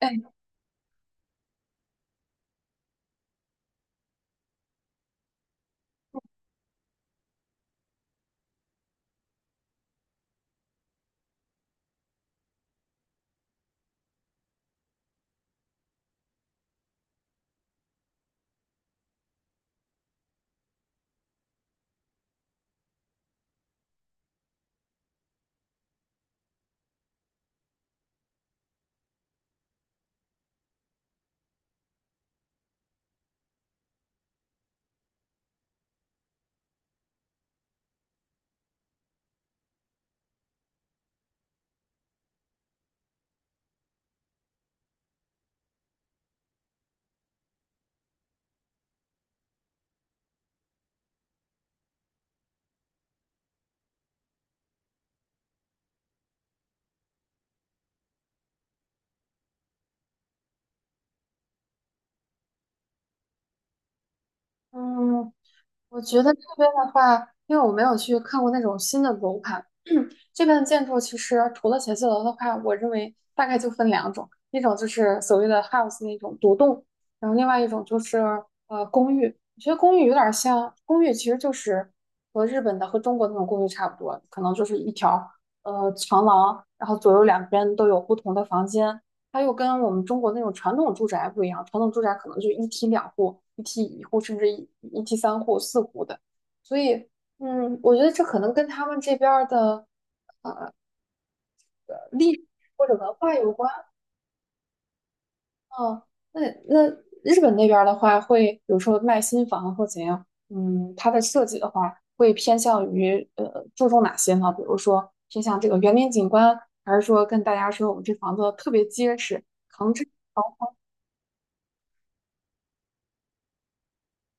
哎，嗯，我觉得这边的话，因为我没有去看过那种新的楼盘，这边的建筑其实除了写字楼的话，我认为大概就分两种，一种就是所谓的 house 那种独栋，然后另外一种就是公寓。我觉得公寓有点像，公寓其实就是和日本的和中国那种公寓差不多，可能就是一条长廊，然后左右两边都有不同的房间。它又跟我们中国那种传统住宅不一样，传统住宅可能就一梯两户、一梯一户，甚至一梯三户、四户的。所以，我觉得这可能跟他们这边儿的历史或者文化有关。啊，那那日本那边的话，会比如说卖新房或怎样，嗯，它的设计的话，会偏向于注重哪些呢？比如说偏向这个园林景观，还是说跟大家说我们这房子特别结实？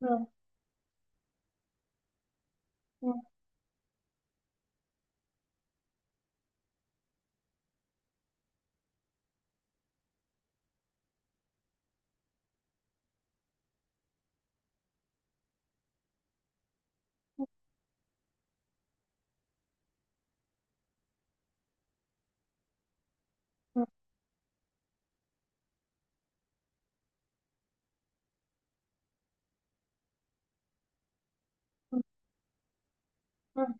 嗯嗯嗯嗯嗯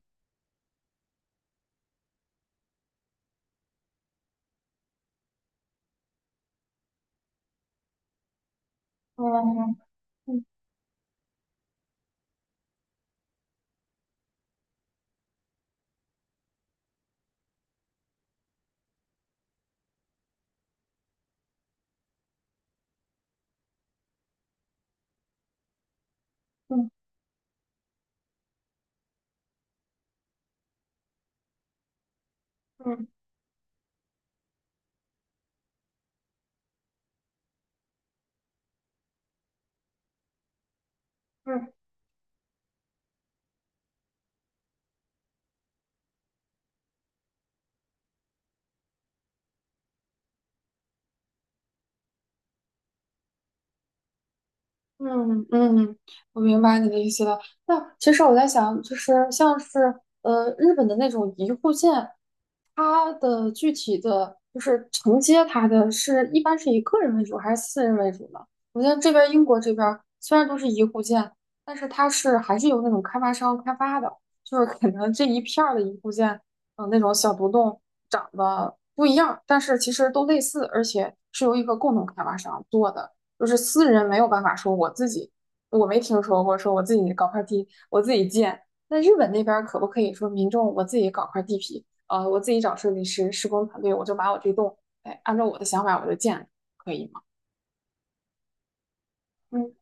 嗯嗯嗯嗯嗯。嗯嗯嗯嗯嗯，我明白你的意思了。那其实我在想，就是像是日本的那种一户建，它的具体的就是承接它的是一般是以个人为主还是私人为主呢？我觉得这边英国这边虽然都是一户建，但是它是还是由那种开发商开发的，就是 可能这一片儿的一户建，嗯、那种小独栋长得不一样，但是其实都类似，而且是由一个共同开发商做的。就是私人没有办法说我自己，我没听说过说我自己搞块地，我自己建。那日本那边可不可以说民众我自己搞块地皮，我自己找设计师、施工团队，我就把我这栋，哎，按照我的想法我就建了可以吗？嗯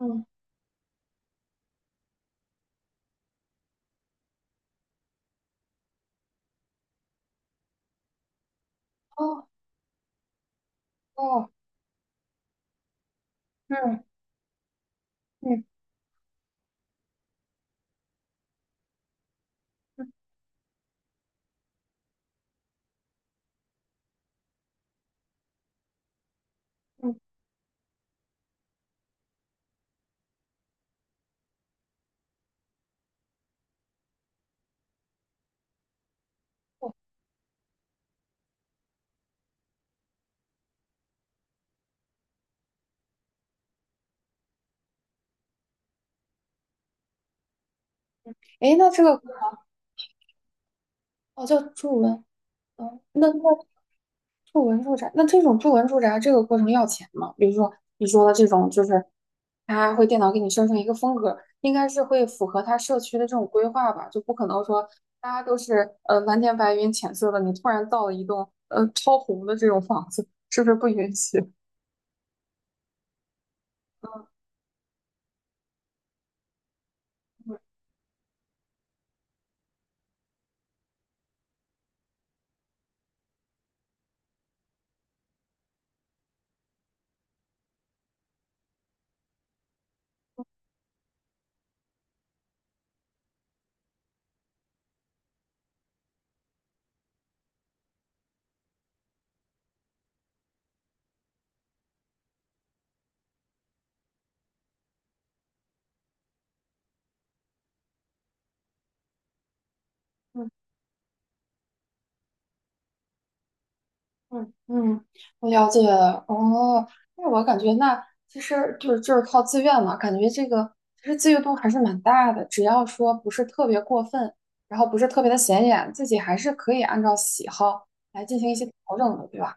嗯哦哦嗯嗯嗯嗯，哦，哎，那这个哦叫住文，哦，那住文住宅，那这种住文住宅这个过程要钱吗？比如说你说的这种就是它会电脑给你生成一个风格，应该是会符合他社区的这种规划吧，就不可能说大家都是蓝天白云浅色的，你突然造了一栋超红的这种房子，是不是不允许？嗯嗯嗯，我了解了。哦，那我感觉那其实就是靠自愿嘛，感觉这个其实自由度还是蛮大的，只要说不是特别过分，然后不是特别的显眼，自己还是可以按照喜好来进行一些调整的，对吧？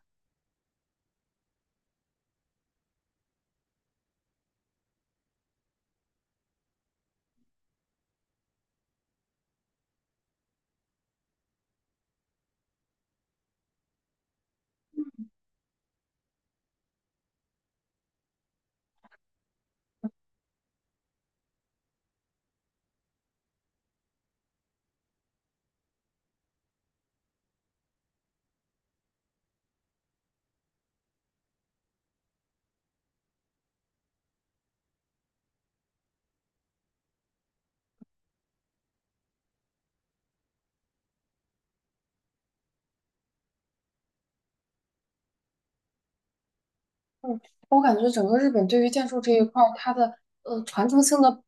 嗯我感觉整个日本对于建筑这一块儿，它的传承性的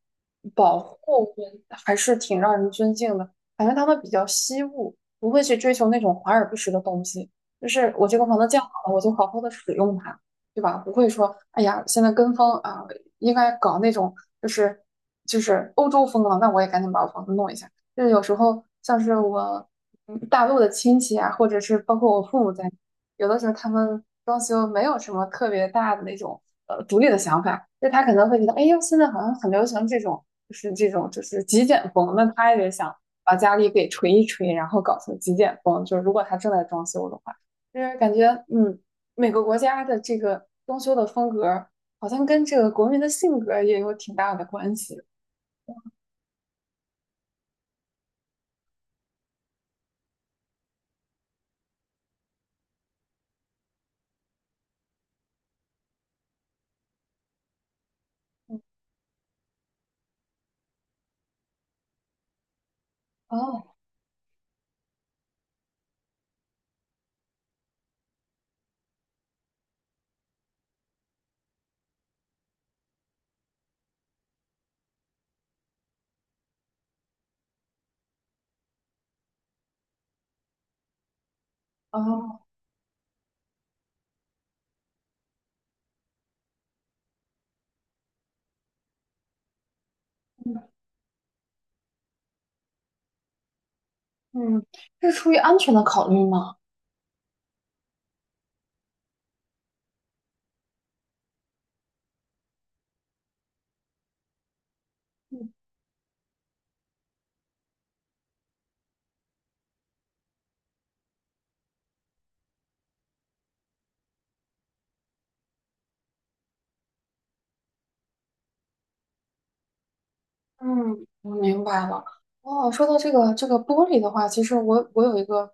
保护还是挺让人尊敬的。感觉他们比较惜物，不会去追求那种华而不实的东西。就是我这个房子建好了，我就好好的使用它，对吧？不会说，哎呀，现在跟风啊，应该搞那种就是欧洲风了，那我也赶紧把我房子弄一下。就是有时候像是我大陆的亲戚啊，或者是包括我父母在。有的时候他们装修没有什么特别大的那种独立的想法，就他可能会觉得，哎呦，现在好像很流行这种，就是这种就是极简风，那他也得想把家里给锤一锤，然后搞成极简风。就是如果他正在装修的话，就是感觉嗯，每个国家的这个装修的风格好像跟这个国民的性格也有挺大的关系。哦哦，嗯嗯，是出于安全的考虑吗？嗯，我明白了。哦，说到这个这个玻璃的话，其实我有一个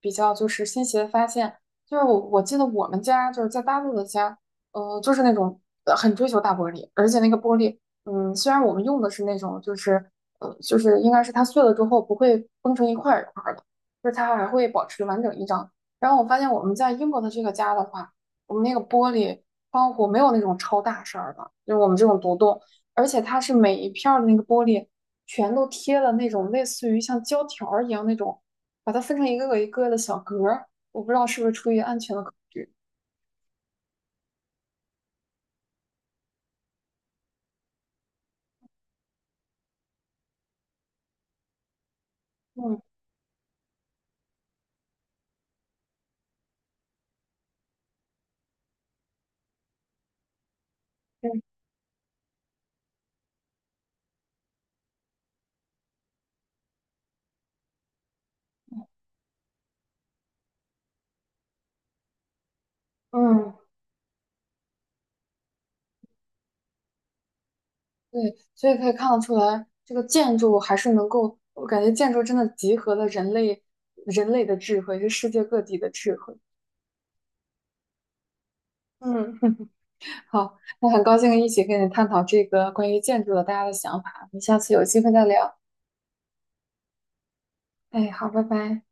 比较就是新奇的发现，就是我记得我们家就是在大陆的家，就是那种很追求大玻璃，而且那个玻璃，虽然我们用的是那种就是就是应该是它碎了之后不会崩成一块儿一块儿的，就是它还会保持完整一张。然后我发现我们在英国的这个家的话，我们那个玻璃窗户没有那种超大扇儿的，就是我们这种独栋。而且它是每一片儿的那个玻璃全都贴了那种类似于像胶条儿一样那种，把它分成一个个一个的小格儿。我不知道是不是出于安全的考虑。嗯，嗯嗯，对，所以可以看得出来，这个建筑还是能够，我感觉建筑真的集合了人类的智慧，是世界各地的智慧。嗯，好，那很高兴一起跟你探讨这个关于建筑的大家的想法，我们下次有机会再聊。哎，好，拜拜。